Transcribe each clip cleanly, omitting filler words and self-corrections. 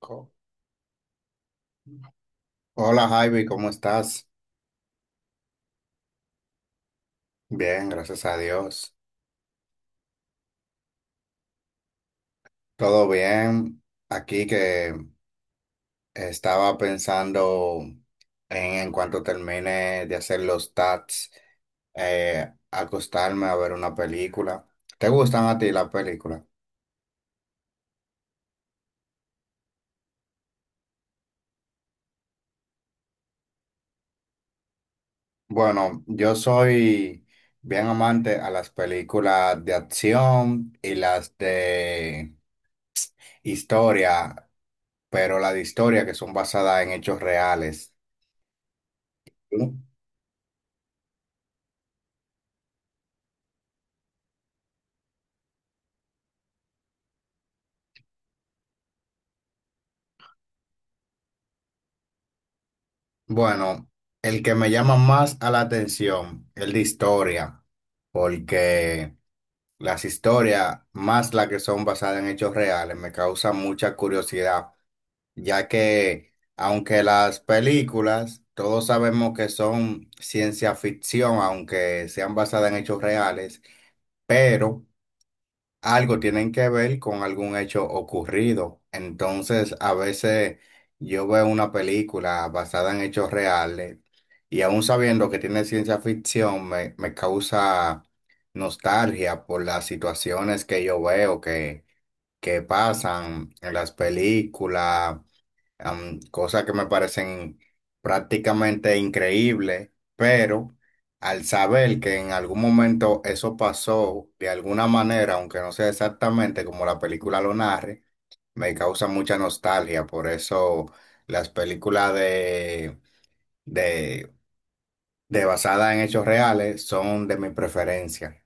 Co- Hola Javi, ¿cómo estás? Bien, gracias a Dios. Todo bien. Aquí que estaba pensando en cuanto termine de hacer los tats, acostarme a ver una película. ¿Te gustan a ti las películas? Bueno, yo soy bien amante a las películas de acción y las de historia, pero las de historia que son basadas en hechos reales. ¿No? Bueno, el que me llama más a la atención, el de historia, porque las historias, más las que son basadas en hechos reales, me causan mucha curiosidad, ya que aunque las películas, todos sabemos que son ciencia ficción, aunque sean basadas en hechos reales, pero algo tienen que ver con algún hecho ocurrido. Entonces, a veces yo veo una película basada en hechos reales y aún sabiendo que tiene ciencia ficción, me causa nostalgia por las situaciones que yo veo que pasan en las películas, cosas que me parecen prácticamente increíbles, pero al saber que en algún momento eso pasó de alguna manera, aunque no sea exactamente como la película lo narre, me causa mucha nostalgia. Por eso las películas de, de basadas en hechos reales son de mi preferencia.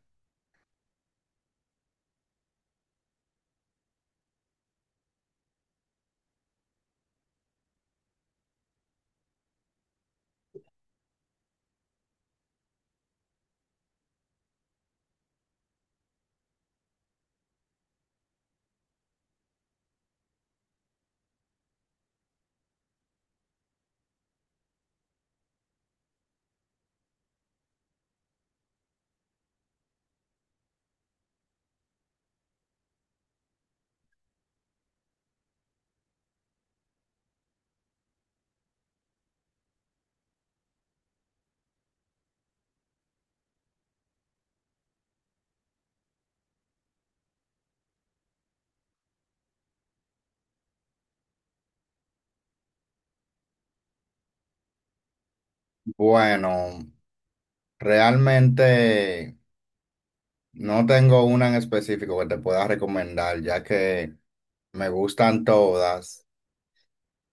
Bueno, realmente, no tengo una en específico que te pueda recomendar, ya que me gustan todas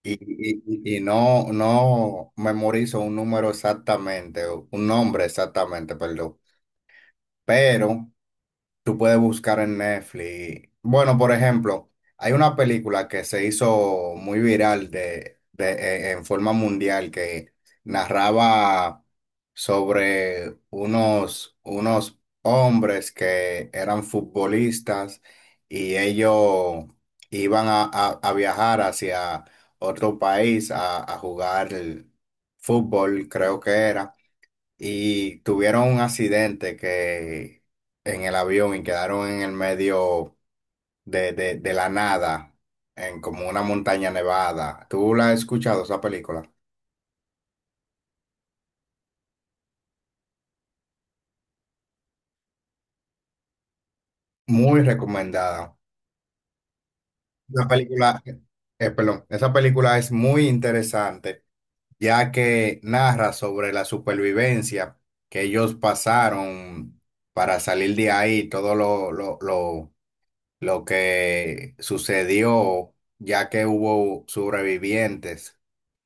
y no, no memorizo un número exactamente, o un nombre exactamente, perdón. Pero tú puedes buscar en Netflix. Bueno, por ejemplo, hay una película que se hizo muy viral en forma mundial que narraba sobre unos hombres que eran futbolistas y ellos iban a viajar hacia otro país a jugar fútbol, creo que era, y tuvieron un accidente que en el avión, y quedaron en el medio de la nada, en como una montaña nevada. ¿Tú la has escuchado esa película? Muy recomendada. La película, perdón, esa película es muy interesante, ya que narra sobre la supervivencia que ellos pasaron para salir de ahí, todo lo que sucedió, ya que hubo sobrevivientes,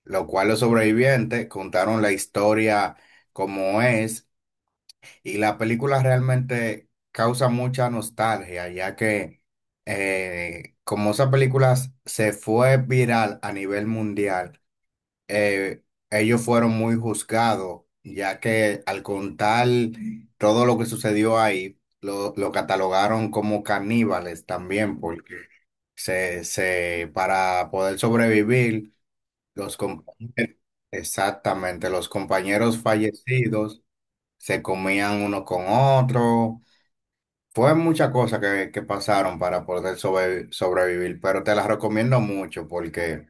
lo cual los sobrevivientes contaron la historia como es, y la película realmente causa mucha nostalgia ya que, como esa película se fue viral a nivel mundial, eh, ellos fueron muy juzgados, ya que al contar todo lo que sucedió ahí, lo catalogaron como caníbales también, porque para poder sobrevivir, los, com- exactamente, los compañeros fallecidos se comían uno con otro. Fue muchas cosas que pasaron para poder sobrevivir, pero te las recomiendo mucho porque,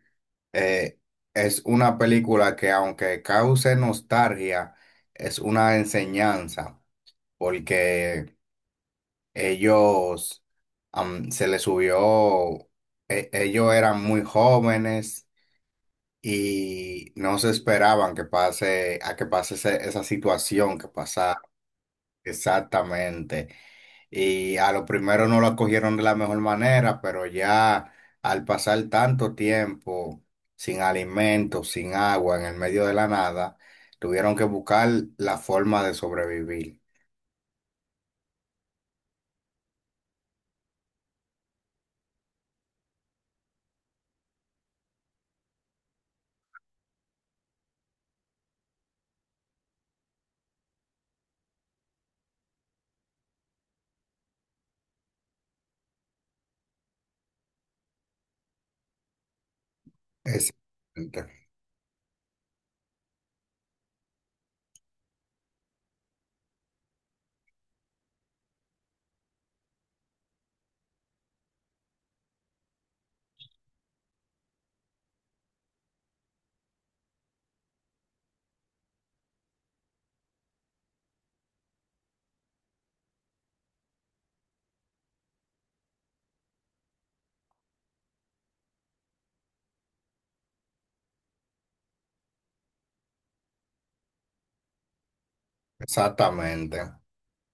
eh, es una película que aunque cause nostalgia, es una enseñanza, porque ellos, se les subió, ellos eran muy jóvenes y no se esperaban a que pase esa situación que pasa. Exactamente. Y a lo primero no lo acogieron de la mejor manera, pero ya al pasar tanto tiempo sin alimentos, sin agua, en el medio de la nada, tuvieron que buscar la forma de sobrevivir. Exactamente. Exactamente.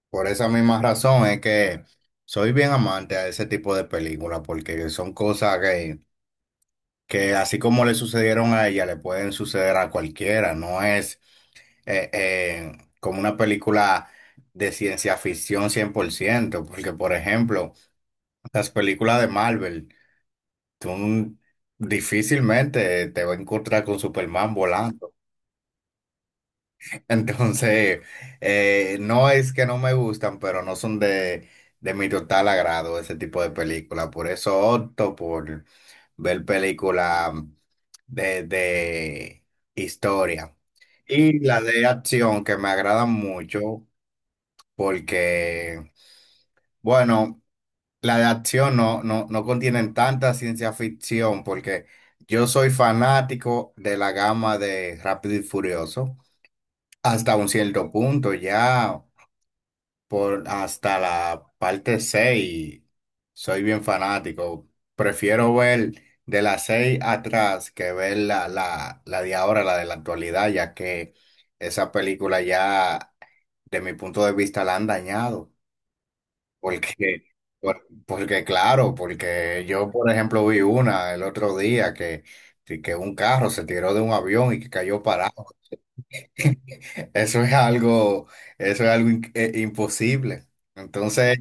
Por esa misma razón es que soy bien amante a ese tipo de películas, porque son cosas que así como le sucedieron a ella, le pueden suceder a cualquiera, no es, como una película de ciencia ficción 100%, porque por ejemplo, las películas de Marvel, tú difícilmente te vas a encontrar con Superman volando. Entonces, no es que no me gustan, pero no son de mi total agrado ese tipo de película. Por eso opto por ver películas de historia. Y la de acción que me agradan mucho porque, bueno, la de acción no, no, no contienen tanta ciencia ficción, porque yo soy fanático de la gama de Rápido y Furioso, hasta un cierto punto, ya por hasta la parte 6 soy bien fanático. Prefiero ver de la 6 atrás que ver la de ahora, la de la actualidad, ya que esa película ya, de mi punto de vista, la han dañado. Porque, porque claro, porque yo, por ejemplo, vi una el otro día que un carro se tiró de un avión y que cayó parado. Eso es algo, eso es algo, imposible. Entonces,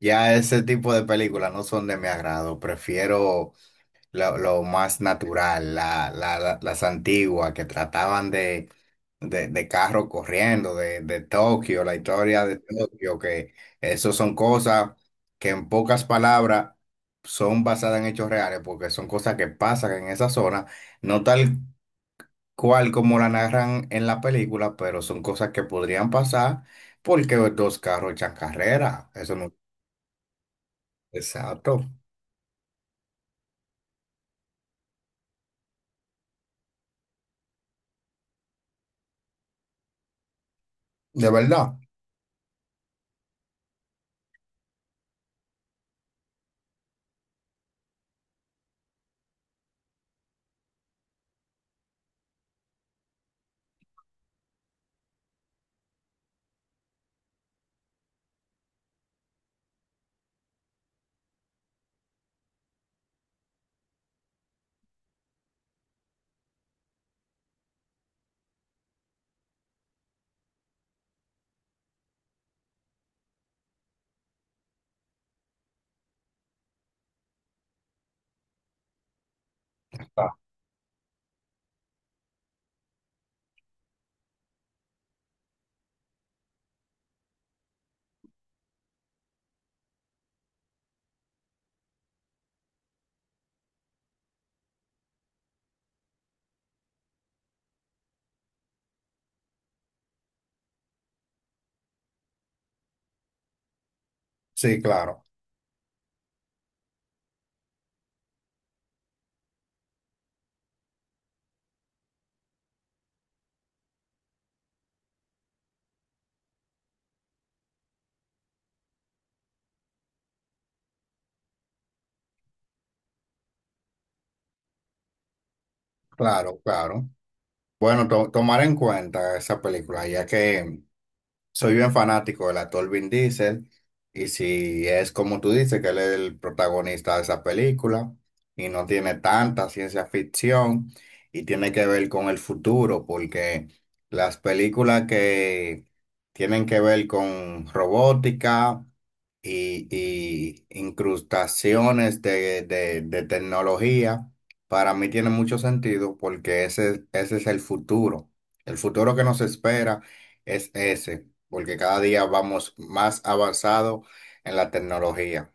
ya ese tipo de películas no son de mi agrado. Prefiero lo más natural, las antiguas que trataban de carro corriendo, de Tokio, la historia de Tokio, que eso son cosas que en pocas palabras son basadas en hechos reales, porque son cosas que pasan en esa zona, no tal cual como la narran en la película, pero son cosas que podrían pasar porque dos carros echan carrera, eso no. Exacto, de verdad. Ah, sí, claro, claro, claro. Bueno, tomar en cuenta esa película, ya que soy bien fanático del actor Vin Diesel, y si es como tú dices que él es el protagonista de esa película, y no tiene tanta ciencia ficción y tiene que ver con el futuro, porque las películas que tienen que ver con robótica y incrustaciones de tecnología, para mí tiene mucho sentido porque ese es el futuro. El futuro que nos espera es ese, porque cada día vamos más avanzado en la tecnología.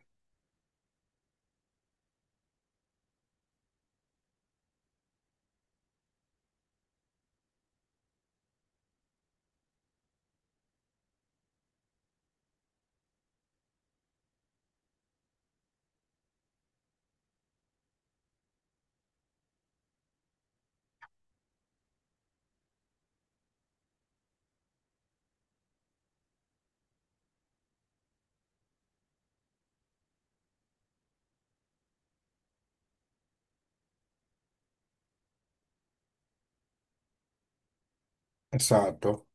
Exacto.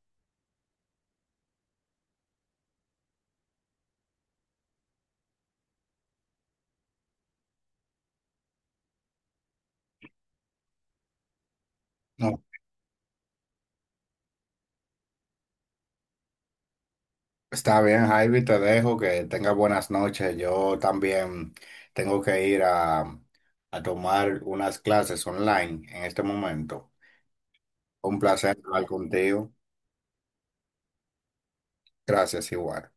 No, está bien, Javi, te dejo, que tengas buenas noches. Yo también tengo que ir a tomar unas clases online en este momento. Un placer hablar contigo. Gracias, igual.